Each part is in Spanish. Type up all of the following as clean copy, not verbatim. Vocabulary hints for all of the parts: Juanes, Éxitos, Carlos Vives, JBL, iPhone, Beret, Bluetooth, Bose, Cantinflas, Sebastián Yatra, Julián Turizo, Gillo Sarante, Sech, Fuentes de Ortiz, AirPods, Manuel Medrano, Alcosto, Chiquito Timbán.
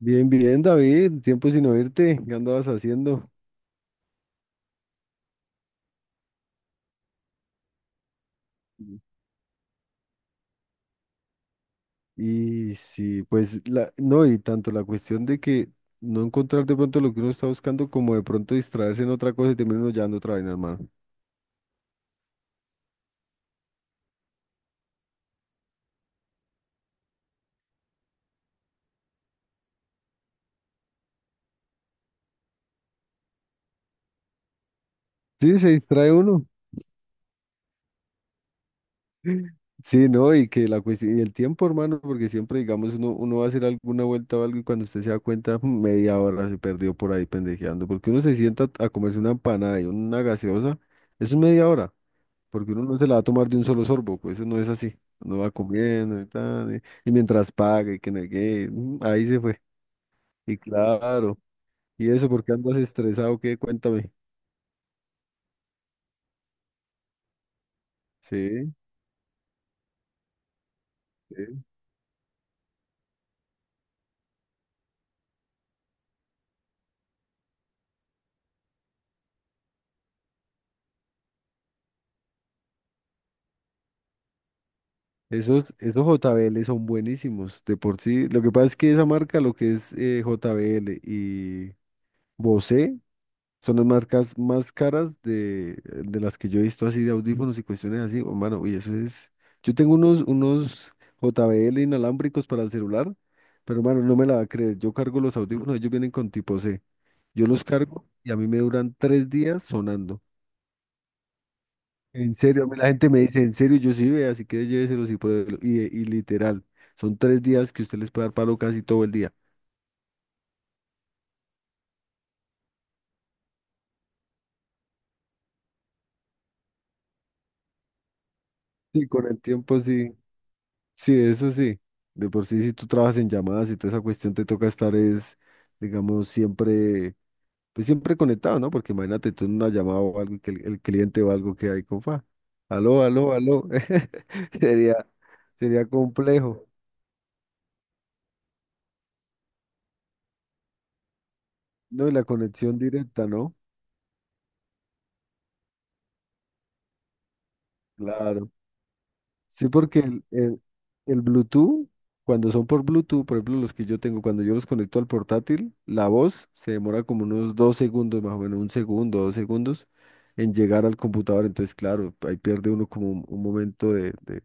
Bien, bien, David, tiempo sin oírte, ¿qué andabas haciendo? Y sí, pues no, y tanto la cuestión de que no encontrar de pronto lo que uno está buscando, como de pronto distraerse en otra cosa y terminar uno llevando otra vaina, hermano. Sí, se distrae uno. Sí, no, y que la cuestión, y el tiempo, hermano, porque siempre, digamos, uno va a hacer alguna vuelta o algo y cuando usted se da cuenta, media hora se perdió por ahí pendejeando, porque uno se sienta a comerse una empanada y una gaseosa, eso es media hora. Porque uno no se la va a tomar de un solo sorbo, pues eso no es así. Uno va comiendo y tal, y mientras paga y que no hay que, ahí se fue. Y claro, y eso, ¿por qué andas estresado? ¿Qué? Cuéntame. Sí, sí. Esos JBL son buenísimos, de por sí. Lo que pasa es que esa marca, lo que es JBL y Bose, son las marcas más caras de las que yo he visto así de audífonos y cuestiones así. Oh, mano, y eso es. Yo tengo unos JBL inalámbricos para el celular, pero mano, no me la va a creer. Yo cargo los audífonos, ellos vienen con tipo C. Yo los cargo y a mí me duran 3 días sonando. En serio, a mí la gente me dice, en serio, yo sí vea así que lléveselos y pruébelo. Y literal, son 3 días que usted les puede dar palo casi todo el día. Sí, con el tiempo sí. Sí, eso sí. De por sí, si tú trabajas en llamadas y toda esa cuestión, te toca estar es, digamos, siempre, pues siempre conectado, ¿no? Porque imagínate tú en una llamada o algo, y que el cliente o algo que hay, compa. Aló, aló, aló. Sería, sería complejo. No, y la conexión directa, ¿no? Claro. Sí, porque el Bluetooth, cuando son por Bluetooth, por ejemplo, los que yo tengo, cuando yo los conecto al portátil, la voz se demora como unos 2 segundos, más o menos 1 segundo, 2 segundos, en llegar al computador. Entonces, claro, ahí pierde uno como un momento de, de,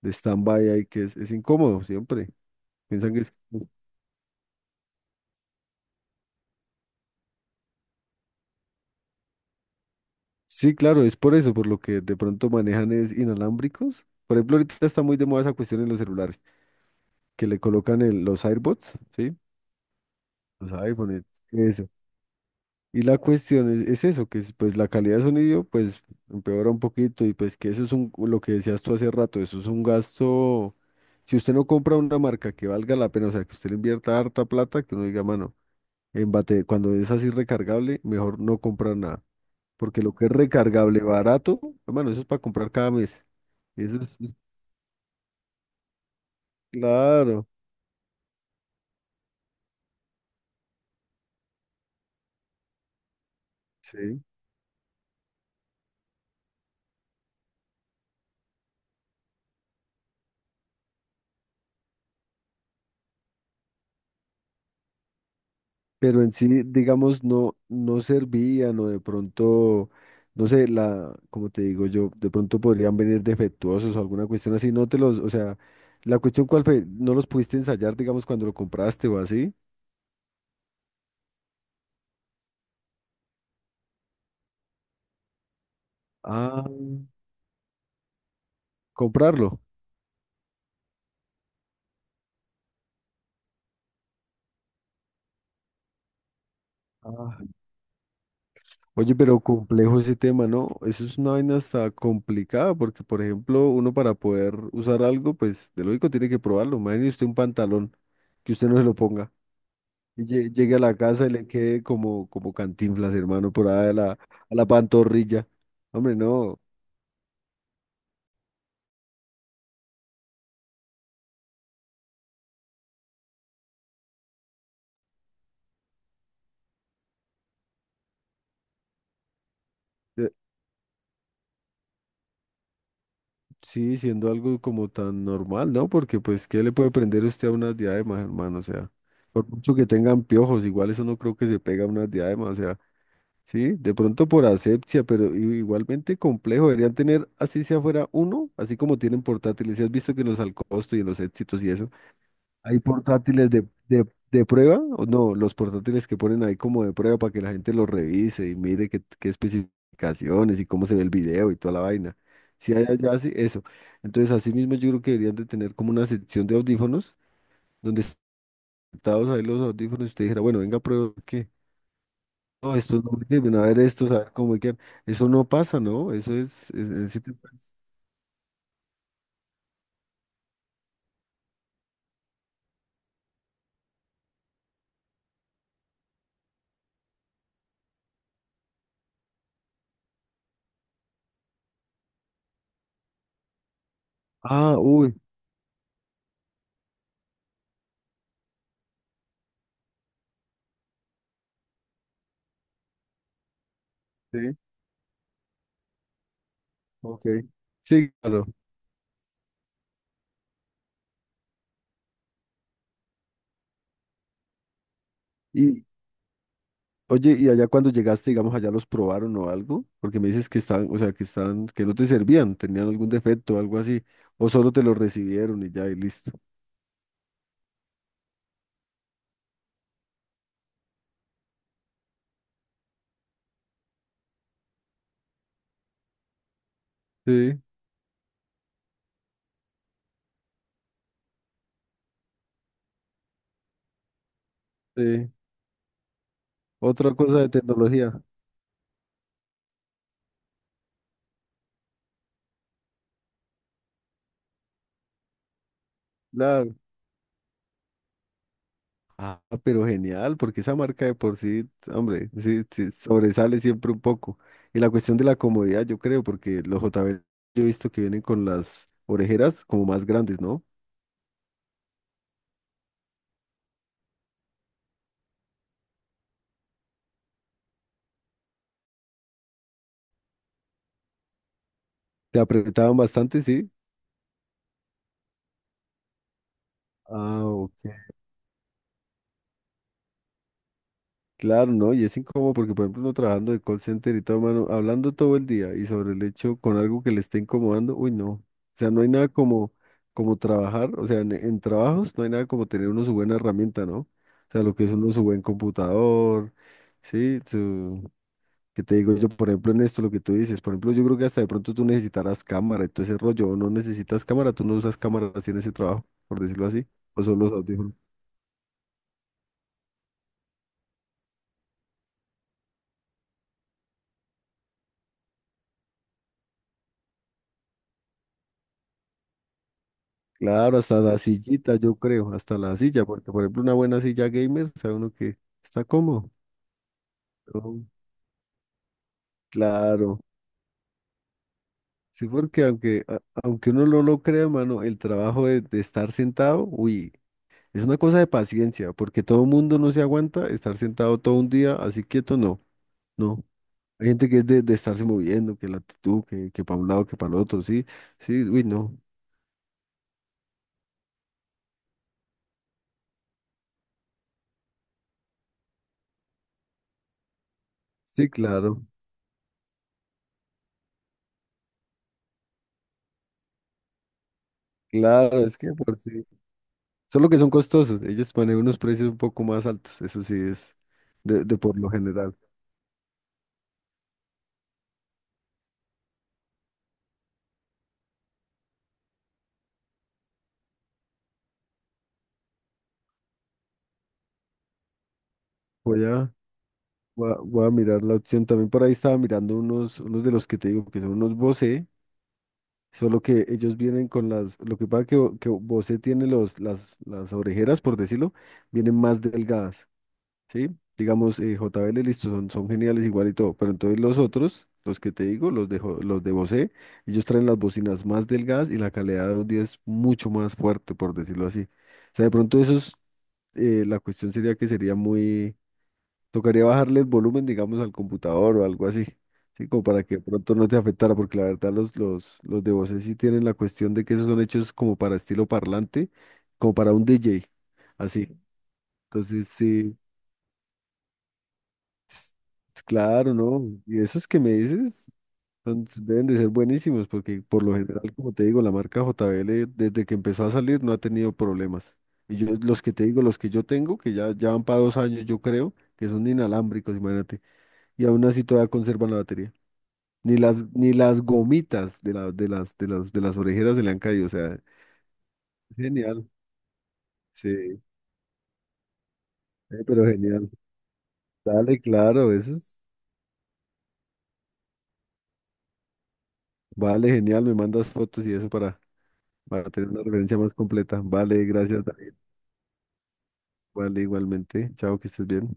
de stand-by ahí que es incómodo siempre. Piensan que es... Sí, claro, es por eso, por lo que de pronto manejan es inalámbricos. Por ejemplo, ahorita está muy de moda esa cuestión en los celulares, que le colocan los AirPods, ¿sí? Los iPhones, eso. Y la cuestión es eso, que es, pues la calidad de sonido pues empeora un poquito y pues que eso es un, lo que decías tú hace rato, eso es un gasto, si usted no compra una marca que valga la pena, o sea, que usted le invierta harta plata, que uno diga, mano, en bate, cuando es así recargable, mejor no comprar nada, porque lo que es recargable barato, hermano, eso es para comprar cada mes, eso es, claro, sí, pero en sí, digamos, no, no servían o de pronto, no sé, como te digo yo, de pronto podrían venir defectuosos o alguna cuestión así, no te los, o sea, la cuestión cuál fue, no los pudiste ensayar, digamos, cuando lo compraste o así, ah, comprarlo. Ah, oye, pero complejo ese tema, ¿no? Eso es una vaina hasta complicada, porque, por ejemplo, uno para poder usar algo, pues, de lógico tiene que probarlo. Imagínese usted un pantalón, que usted no se lo ponga. Llegue a la casa y le quede como Cantinflas, hermano, por ahí a la pantorrilla. Hombre, no. eh, Sí, siendo algo como tan normal, ¿no? Porque, pues, ¿qué le puede prender usted a unas diademas, hermano? O sea, por mucho que tengan piojos, igual eso no creo que se pega a unas diademas, o sea, sí, de pronto por asepsia, pero igualmente complejo. Deberían tener, así sea fuera uno, así como tienen portátiles. Si has visto que en los Alcosto y en los Éxitos y eso. Hay portátiles de prueba, o no, los portátiles que ponen ahí como de prueba para que la gente los revise y mire qué especificaciones y cómo se ve el video y toda la vaina. Si hay allá, sí, eso. Entonces, así mismo yo creo que deberían de tener como una sección de audífonos donde sentados ahí los audífonos y usted dijera, bueno, venga, prueba que... No, estos no me sirven, a ver estos, a ver cómo me quedan. Eso no pasa, ¿no? Eso es... sí te- Ah, uy. Sí, ok. Sí, claro. Oye, ¿y allá cuando llegaste, digamos, allá los probaron o algo? Porque me dices que estaban, o sea, que estaban, que no te servían, tenían algún defecto o algo así, o solo te lo recibieron y ya, y listo. Sí, sí. Otra cosa de tecnología. Claro. Ah, pero genial, porque esa marca de por sí, hombre, sí, sí, sobresale siempre un poco. Y la cuestión de la comodidad, yo creo, porque los JBL yo he visto que vienen con las orejeras como más grandes, ¿no? Te apretaban bastante, sí. Ah, ok. Claro, ¿no? Y es incómodo porque, por ejemplo, uno trabajando de call center y todo, mano, hablando todo el día y sobre el hecho con algo que le esté incomodando, uy, no. O sea, no hay nada como trabajar, o sea, en trabajos no hay nada como tener uno su buena herramienta, ¿no? O sea, lo que es uno su buen computador, ¿sí? Su, ¿qué te digo yo? Por ejemplo, en esto, lo que tú dices, por ejemplo, yo creo que hasta de pronto tú necesitarás cámara y todo ese rollo, o no necesitas cámara, tú no usas cámara así en ese trabajo, por decirlo así, o son los audífonos. Claro, hasta la sillita, yo creo, hasta la silla, porque por ejemplo una buena silla gamer, sabe uno que está cómodo. ¿No? Claro, sí, porque aunque, aunque uno no lo crea, mano, el trabajo de estar sentado, uy, es una cosa de paciencia, porque todo el mundo no se aguanta estar sentado todo un día así quieto, no, no. Hay gente que es de estarse moviendo, que la actitud, que para un lado, que para el otro, sí, sí, uy, no. Sí, claro, claro, es que por sí. Solo que son costosos. Ellos ponen unos precios un poco más altos. Eso sí es de por lo general. Voy a, voy a mirar la opción. También por ahí estaba mirando unos de los que te digo que son unos Bose. Solo que ellos vienen con las. Lo que pasa que, que Bose tiene las orejeras, por decirlo, vienen más delgadas. ¿Sí? Digamos, JBL, listo, son geniales igual y todo, pero entonces los otros, los que te digo, los de Bose, ellos traen las bocinas más delgadas y la calidad de audio es mucho más fuerte, por decirlo así. O sea, de pronto esos, la cuestión sería que sería muy, tocaría bajarle el volumen, digamos, al computador o algo así, ¿sí? Como para que de pronto no te afectara, porque la verdad los de Bose sí tienen la cuestión de que esos son hechos como para estilo parlante, como para un DJ, así. Entonces, sí. Claro, ¿no? Y esos que me dices deben de ser buenísimos porque por lo general, como te digo, la marca JBL desde que empezó a salir no ha tenido problemas. Y yo los que te digo, los que yo tengo, que ya van para 2 años, yo creo, que son inalámbricos, imagínate. Y aún así todavía conservan la batería. Ni las gomitas de las orejeras se le han caído. O sea, genial. Sí, pero genial. Dale, claro, eso es- Vale, genial, me mandas fotos y eso para... Para tener una referencia más completa. Vale, gracias, David. Vale, igualmente. Chao, que estés bien.